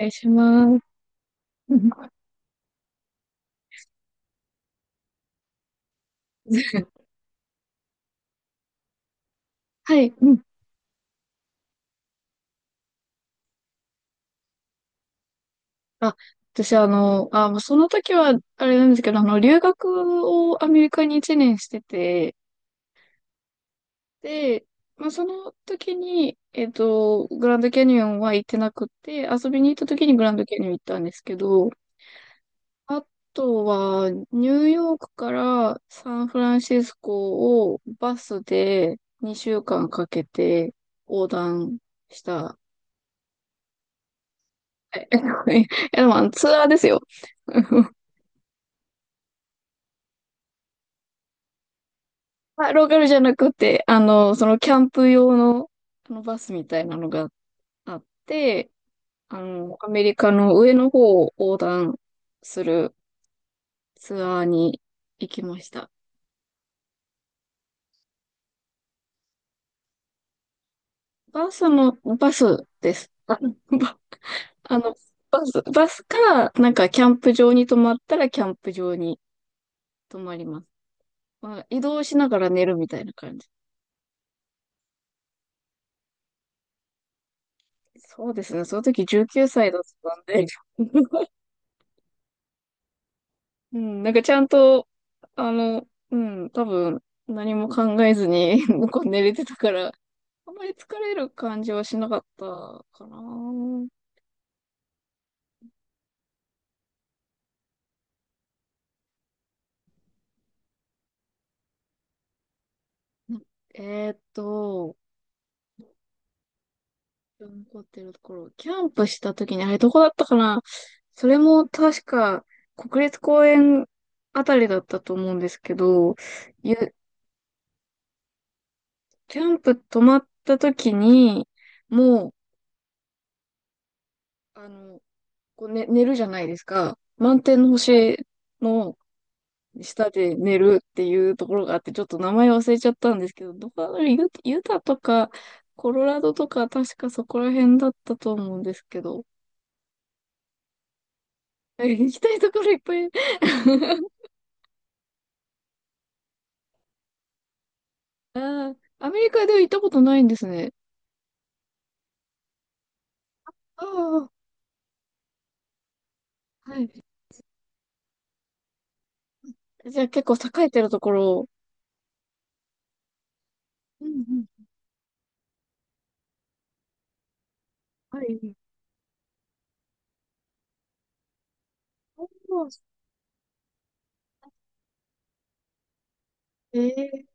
願いします。はい、うん。あ、私、もうその時は、あれなんですけど、留学をアメリカに1年してて、で、まあ、その時に、グランドキャニオンは行ってなくて、遊びに行った時にグランドキャニオン行ったんですけど、あとは、ニューヨークからサンフランシスコをバスで2週間かけて横断したえ、でもあのツアーですよ。まあローカルじゃなくて、そのキャンプ用の、あのバスみたいなのがあって、アメリカの上の方を横断するツアーに行きました。バスです。あ、ばあの、バス、バスから、なんかキャンプ場に泊まったらキャンプ場に泊まります。まあ、移動しながら寝るみたいな感じ。そうですね。その時19歳だったんで。うん、なんかちゃんと、うん、多分何も考えずに なんか 寝れてたから、あんまり疲れる感じはしなかったかな。なえーっと、残ってるところ、キャンプした時に、あれどこだったかな。それも確か国立公園あたりだったと思うんですけど、ゆキャンプ泊まった時に、もう、あの、こう、ね、寝るじゃないですか。満天の星の、下で寝るっていうところがあって、ちょっと名前忘れちゃったんですけど、どこだろうユタとか、コロラドとか、確かそこら辺だったと思うんですけど。行きたいところいっぱい。あアメリカでは行ったことないんですね。ああ、はい。じゃあ結構栄えてるところを。うんうん。はい。おー。えー。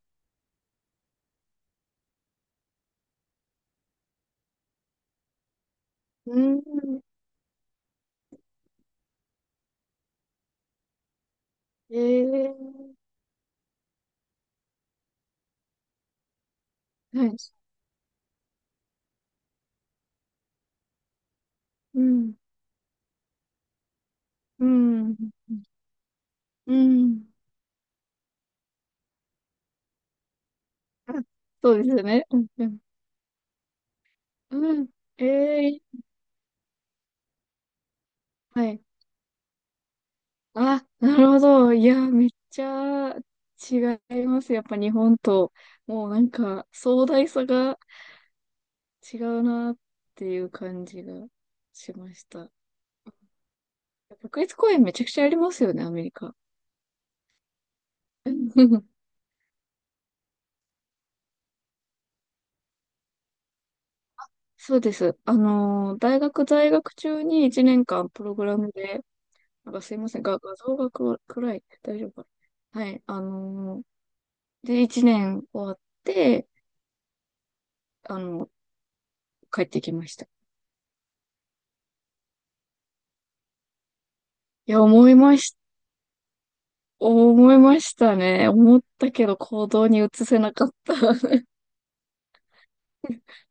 うん。えー。はい。うん。うん。うん。うん。あ、そうですよね。うん。うん。うん。ええ。はい。あ、なるほど。いや、めっちゃ違います。やっぱ日本と、もうなんか壮大さが違うなっていう感じがしました。国立公園めちゃくちゃありますよね、アメリカ。そうです。大学在学中に1年間プログラムで、なんかすいません、画像が暗い。大丈夫かな。はい。で、1年終わって、あの、帰ってきました。いや、思いました。思いましたね。思ったけど行動に移せなかった。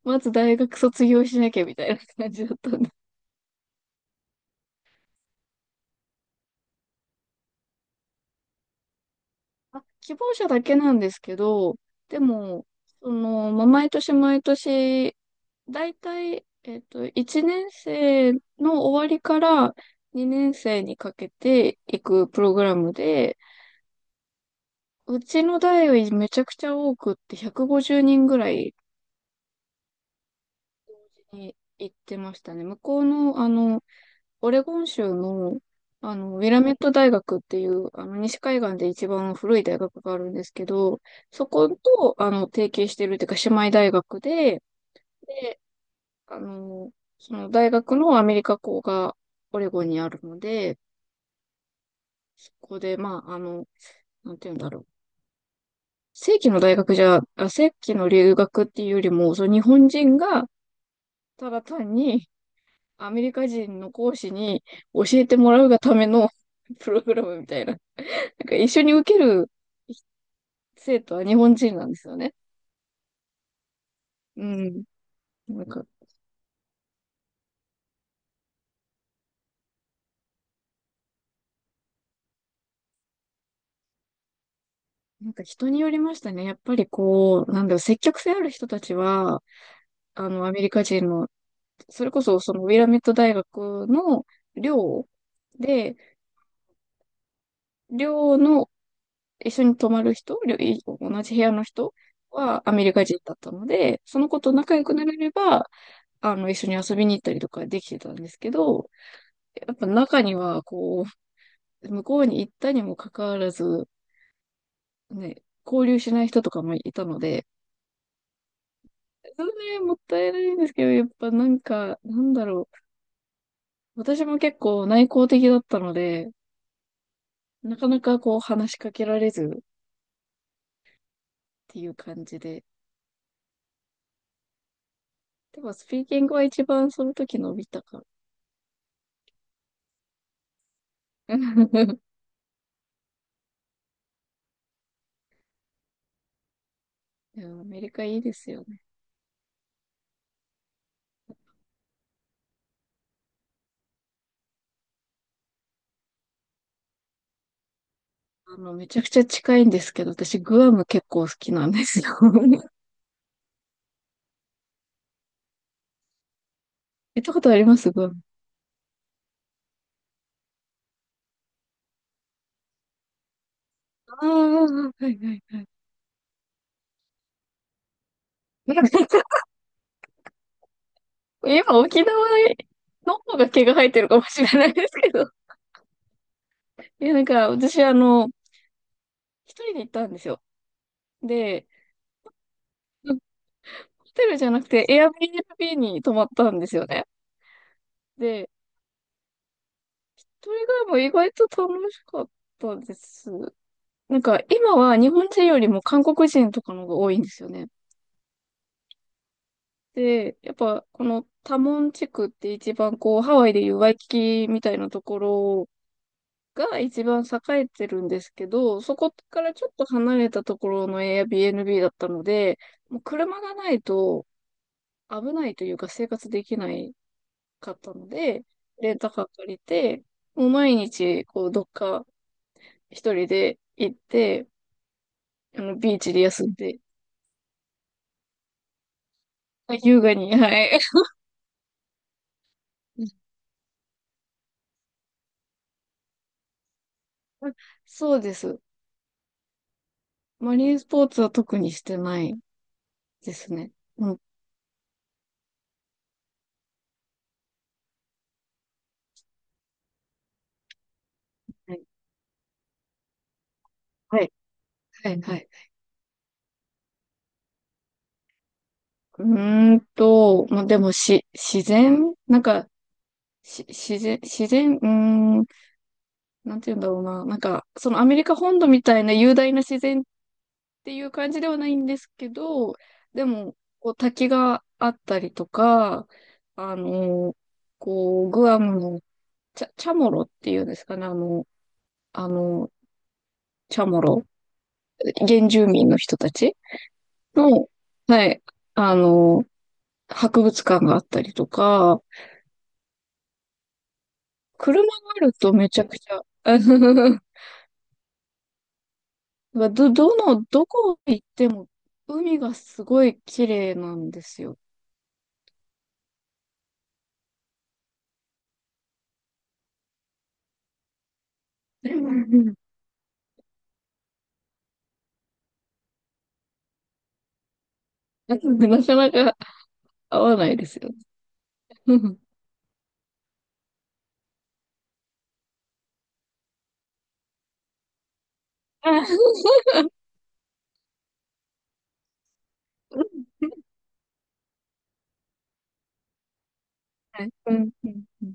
まず大学卒業しなきゃみたいな感じだったんで。あ、希望者だけなんですけど、でも、まあ、毎年毎年、だいたい、1年生の終わりから2年生にかけていくプログラムで、うちの代よりめちゃくちゃ多くって150人ぐらい同時に行ってましたね。向こうの、オレゴン州の、ウィラメット大学っていう、西海岸で一番古い大学があるんですけど、そこと、提携してるっていうか、姉妹大学で、で、あの、その大学のアメリカ校がオレゴンにあるので、そこで、まあ、なんて言うんだろう。正規の留学っていうよりも、その日本人が、ただ単にアメリカ人の講師に教えてもらうがための プログラムみたいな。なんか一緒に受ける生徒は日本人なんですよね。うん。なんか、なんか人によりましたね。やっぱりこう、なんだろう、積極性ある人たちは、アメリカ人の、それこそそのウィラメット大学の寮で、寮の一緒に泊まる人、寮い同じ部屋の人はアメリカ人だったので、その子と仲良くなれれば、一緒に遊びに行ったりとかできてたんですけど、やっぱ中には、こう、向こうに行ったにもかかわらず、ね、交流しない人とかもいたので、それね、もったいないんですけど、やっぱなんか、なんだろう。私も結構内向的だったので、なかなかこう話しかけられずっていう感じで。でもスピーキングは一番その時伸びたから。いやアメリカいいですよね。めちゃくちゃ近いんですけど、私グアム結構好きなんですよ。行ったことありますグアム？ああ、はいはいはい。今沖縄の方が毛が生えてるかもしれないですけど。いや、なんか、私、一人で行ったんですよ。で、ホテルじゃなくて、Airbnb に泊まったんですよね。で、それがもう意外と楽しかったです。なんか、今は日本人よりも韓国人とかの方が多いんですよね。で、やっぱ、このタモン地区って一番こう、ハワイでいうワイキキみたいなところが一番栄えてるんですけど、そこからちょっと離れたところの Airbnb だったので、もう車がないと、危ないというか生活できないかったので、レンタカー借りて、もう毎日、こう、どっか一人で行って、ビーチで休んで、あ、優雅に、はい。そうです。マリンスポーツは特にしてないですね。うん。はい。はい。はい。はい。うまあ、でも、自然なんか、し、自然、自然、うーん、なんて言うんだろうな。なんか、そのアメリカ本土みたいな雄大な自然ていう感じではないんですけど、でも、こう滝があったりとか、あの、こう、グアムのチャモロっていうんですかね、あの、チャモロ、原住民の人たちの、はい、あの、博物館があったりとか、車があるとめちゃくちゃ、どこ行っても海がすごい綺麗なんですよ。なかなか合わないですよね。うん。はい。うん。うんうん。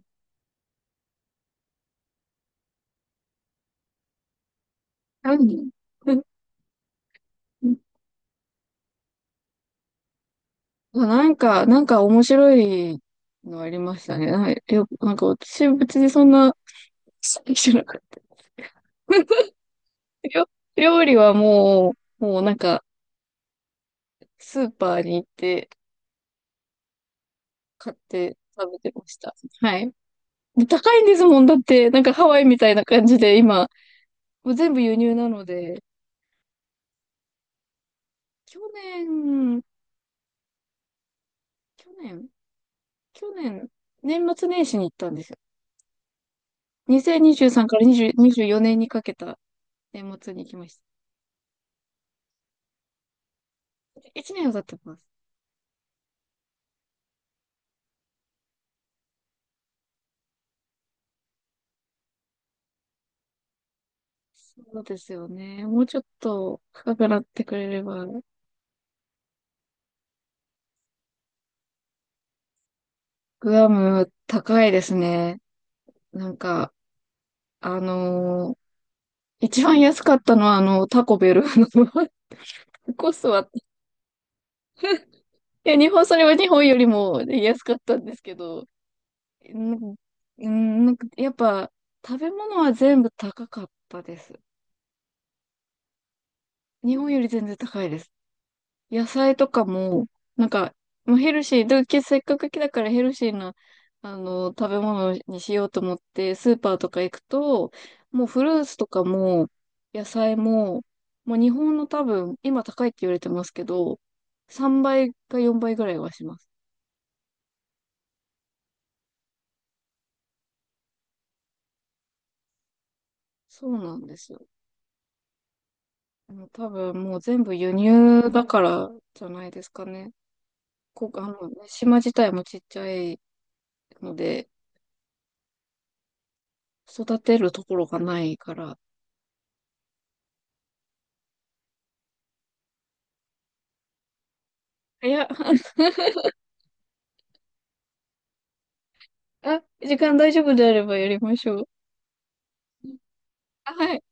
何。うんうん。あ、なんか、面白いのありましたね。はいよ、なんか私別にそんな、じゃなかった。料料理はもうなんか、スーパーに行って、買って食べてました。はい。で高いんですもん。だって、なんかハワイみたいな感じで、今、もう全部輸入なので、去年、去年、去年、年末年始に行ったんですよ。2023から2024年にじゅうよねんにかけた年末に行きました。1年は経ってます。そうですよね。もうちょっと高くなってくれれば、グアム高いですね。なんか、あのー一番安かったのはタコベルの コストは、いや、日本、それは日本よりも安かったんですけど、うんうん。なんかやっぱ、食べ物は全部高かったです。日本より全然高いです。野菜とかも、なんか、もうヘルシー、で、せっかくだからヘルシーな、食べ物にしようと思って、スーパーとか行くと、もうフルーツとかも、野菜も、もう日本の多分、今高いって言われてますけど、3倍か4倍ぐらいはします。そうなんですよ。もう多分もう全部輸入だからじゃないですかね。こ、あの、島自体もちっちゃいので、育てるところがないから。いや、あ、時間大丈夫であればやりましょう。あ、はい。